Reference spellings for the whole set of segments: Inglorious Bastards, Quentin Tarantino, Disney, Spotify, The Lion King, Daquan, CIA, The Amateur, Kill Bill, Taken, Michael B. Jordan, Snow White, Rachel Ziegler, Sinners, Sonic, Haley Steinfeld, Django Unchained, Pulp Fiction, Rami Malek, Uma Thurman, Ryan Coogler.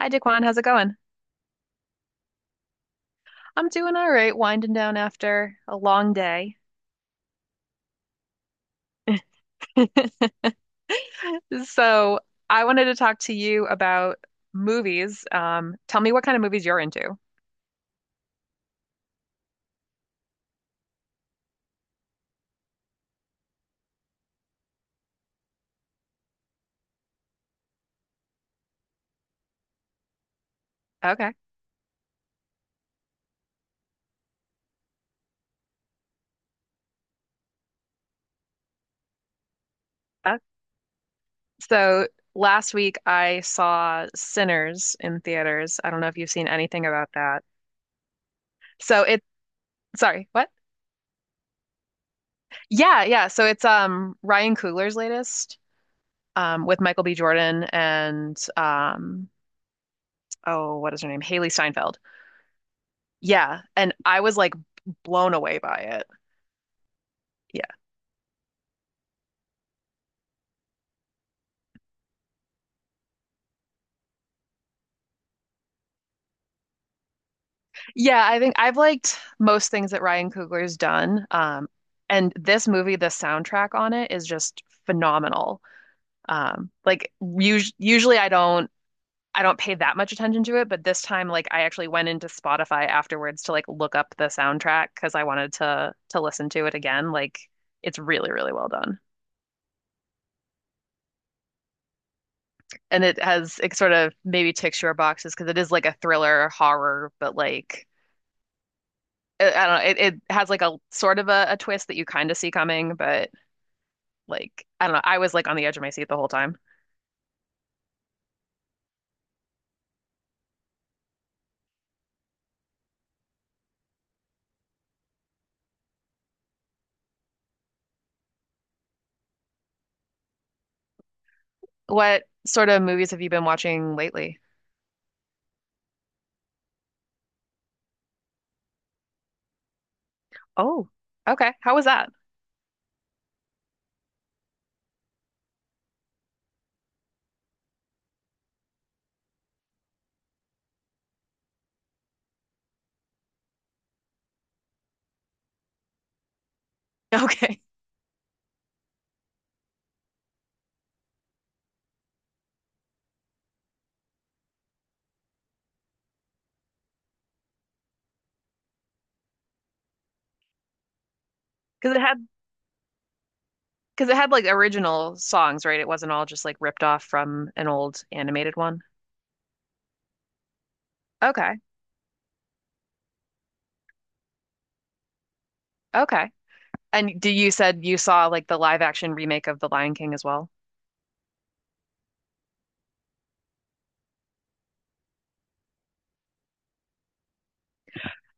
Hi, Daquan. How's it going? I'm doing all right, winding down after a long day. So, I wanted to talk to you about movies. Tell me what kind of movies you're into. Okay. Uh, so, Last week I saw Sinners in theaters. I don't know if you've seen anything about that. So, sorry, what? Yeah, yeah. So, it's Ryan Coogler's latest with Michael B. Jordan and oh, what is her name? Haley Steinfeld. Yeah, and I was like blown away by it. Yeah. Yeah, I think I've liked most things that Ryan Coogler's done. And this movie, the soundtrack on it is just phenomenal. Like us Usually I don't pay that much attention to it, but this time like I actually went into Spotify afterwards to like look up the soundtrack because I wanted to listen to it again. Like it's really, really well done. And it has it sort of maybe ticks your boxes because it is like a thriller horror, but like I don't know. It has like a sort of a twist that you kind of see coming, but like I don't know. I was like on the edge of my seat the whole time. What sort of movies have you been watching lately? Oh, okay. How was that? Okay. Because it had because it had like original songs, right? It wasn't all just like ripped off from an old animated one. Okay. Okay. And do you said you saw like the live action remake of The Lion King as well?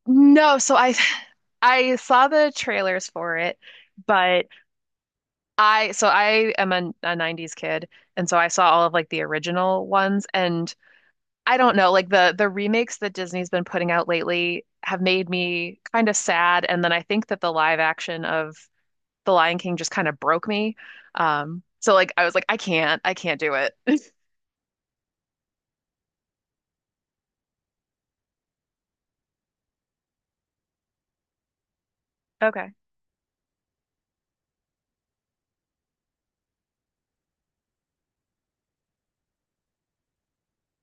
No, so I saw the trailers for it, but I am a 90s kid and so I saw all of like the original ones and I don't know like the remakes that Disney's been putting out lately have made me kind of sad, and then I think that the live action of The Lion King just kind of broke me. So like I was like I can't do it. Okay.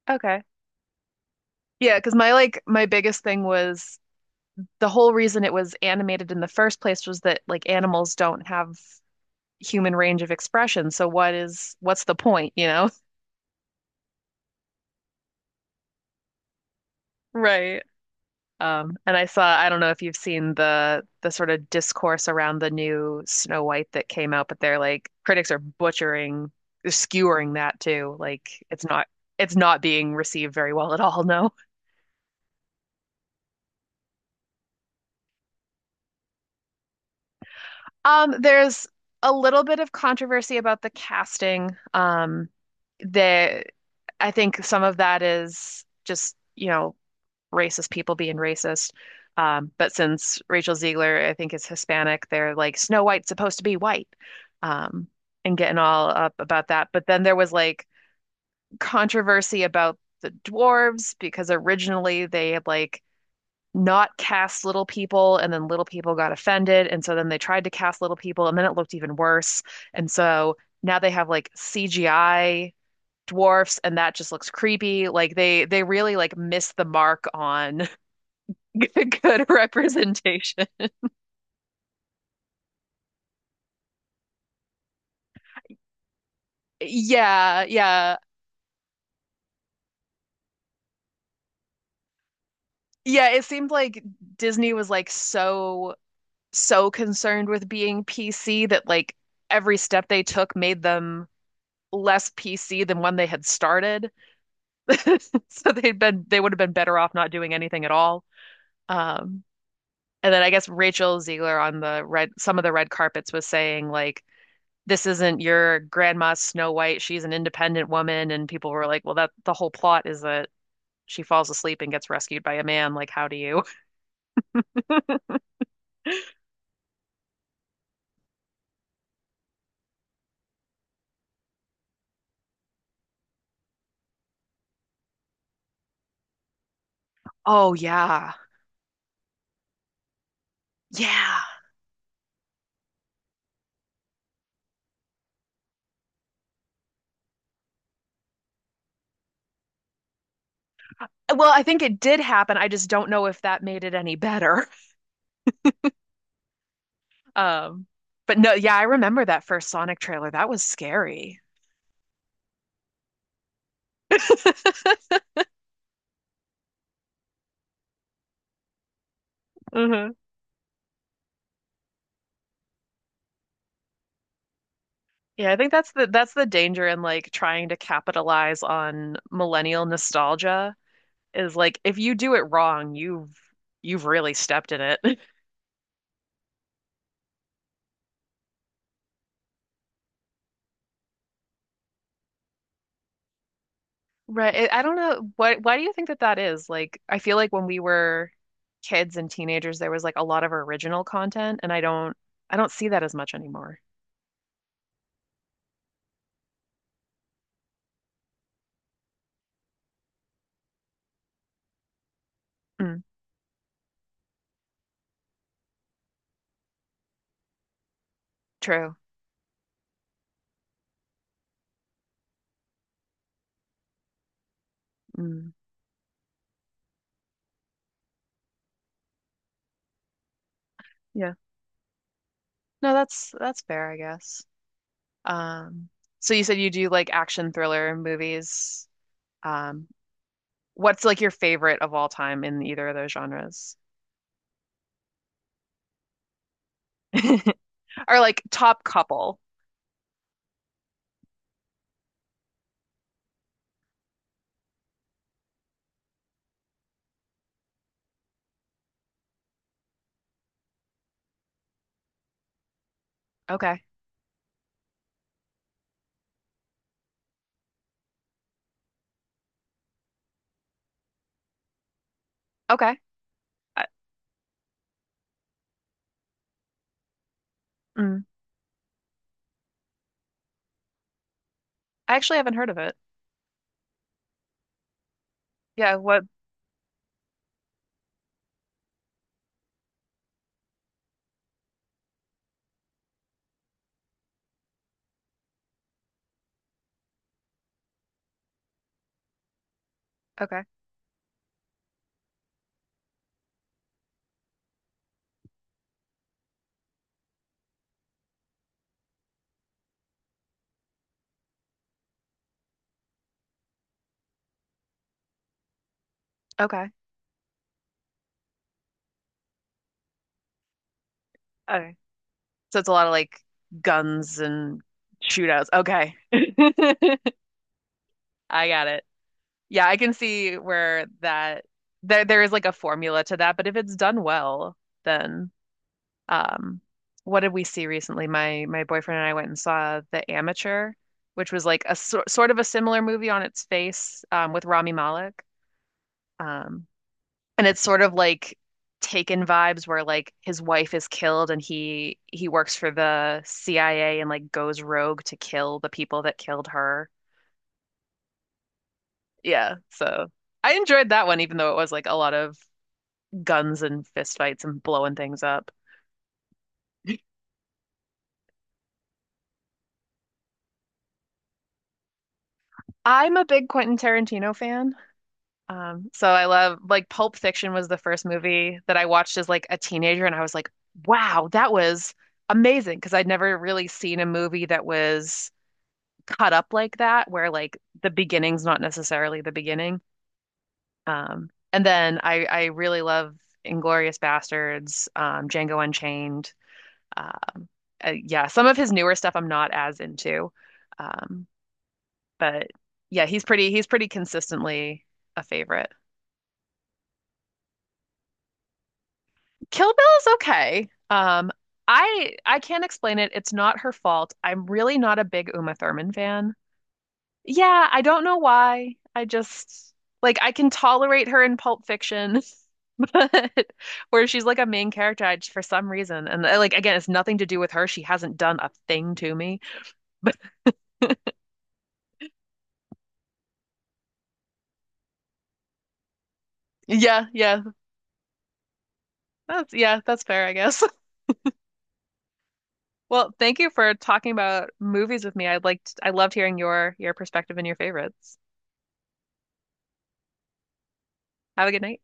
Okay. Yeah, because my biggest thing was the whole reason it was animated in the first place was that like animals don't have human range of expression. So what's the point, you know? Right. And I saw, I don't know if you've seen the sort of discourse around the new Snow White that came out, but they're like critics are skewering that too. Like it's not being received very well at all, no. There's a little bit of controversy about the casting. The I think some of that is just, you know, racist people being racist. But since Rachel Ziegler, I think, is Hispanic, they're like, Snow White's supposed to be white, um, and getting all up about that. But then there was like controversy about the dwarves because originally they had like not cast little people, and then little people got offended. And so then they tried to cast little people, and then it looked even worse. And so now they have like CGI dwarfs and that just looks creepy. Like they really like missed the mark on good, good representation. Yeah, yeah. Yeah, it seemed like Disney was like so concerned with being PC that like every step they took made them less PC than when they had started. So they would have been better off not doing anything at all. Um and then I guess Rachel Ziegler on the red some of the red carpets was saying like this isn't your grandma Snow White, she's an independent woman, and people were like, well that the whole plot is that she falls asleep and gets rescued by a man. Like, how do you? Oh, yeah. Yeah. Well, I think it did happen. I just don't know if that made it any better. Um, but no, yeah, I remember that first Sonic trailer. That was scary. Mm-hmm. Yeah, I think that's the danger in like trying to capitalize on millennial nostalgia is like if you do it wrong, you've really stepped in it. Right. I don't know what why do you think that that is? Like I feel like when we were kids and teenagers there was like a lot of original content, and I don't see that as much anymore. Mm, true. Mm, yeah. No, that's fair, I guess. Um so you said you do like action thriller movies. Um what's like your favorite of all time in either of those genres? Or like top couple. Okay. Okay. I, mm, I actually haven't heard of it. Yeah, what okay. Okay. Okay. So it's a lot of like guns and shootouts. Okay. I got it. Yeah, I can see where that there is like a formula to that, but if it's done well, then um what did we see recently? My boyfriend and I went and saw The Amateur, which was like a sort of a similar movie on its face with Rami Malek. Um And it's sort of like Taken vibes where like his wife is killed and he works for the CIA and like goes rogue to kill the people that killed her. Yeah, so I enjoyed that one even though it was like a lot of guns and fistfights and blowing things up. I'm a big Quentin Tarantino fan. So I love like Pulp Fiction was the first movie that I watched as like a teenager, and I was like, wow, that was amazing because I'd never really seen a movie that was cut up like that where like the beginning's not necessarily the beginning. And then I really love Inglorious Bastards, Django Unchained. Um, yeah, some of his newer stuff I'm not as into. Um, but yeah, he's pretty consistently a favorite. Kill Bill is okay. I can't explain it. It's not her fault. I'm really not a big Uma Thurman fan. Yeah, I don't know why. I just like I can tolerate her in Pulp Fiction, but where she's like a main character, I just for some reason, and like again, it's nothing to do with her. She hasn't done a thing to me. But yeah, yeah, that's fair, I guess. Well, thank you for talking about movies with me. I loved hearing your perspective and your favorites. Have a good night.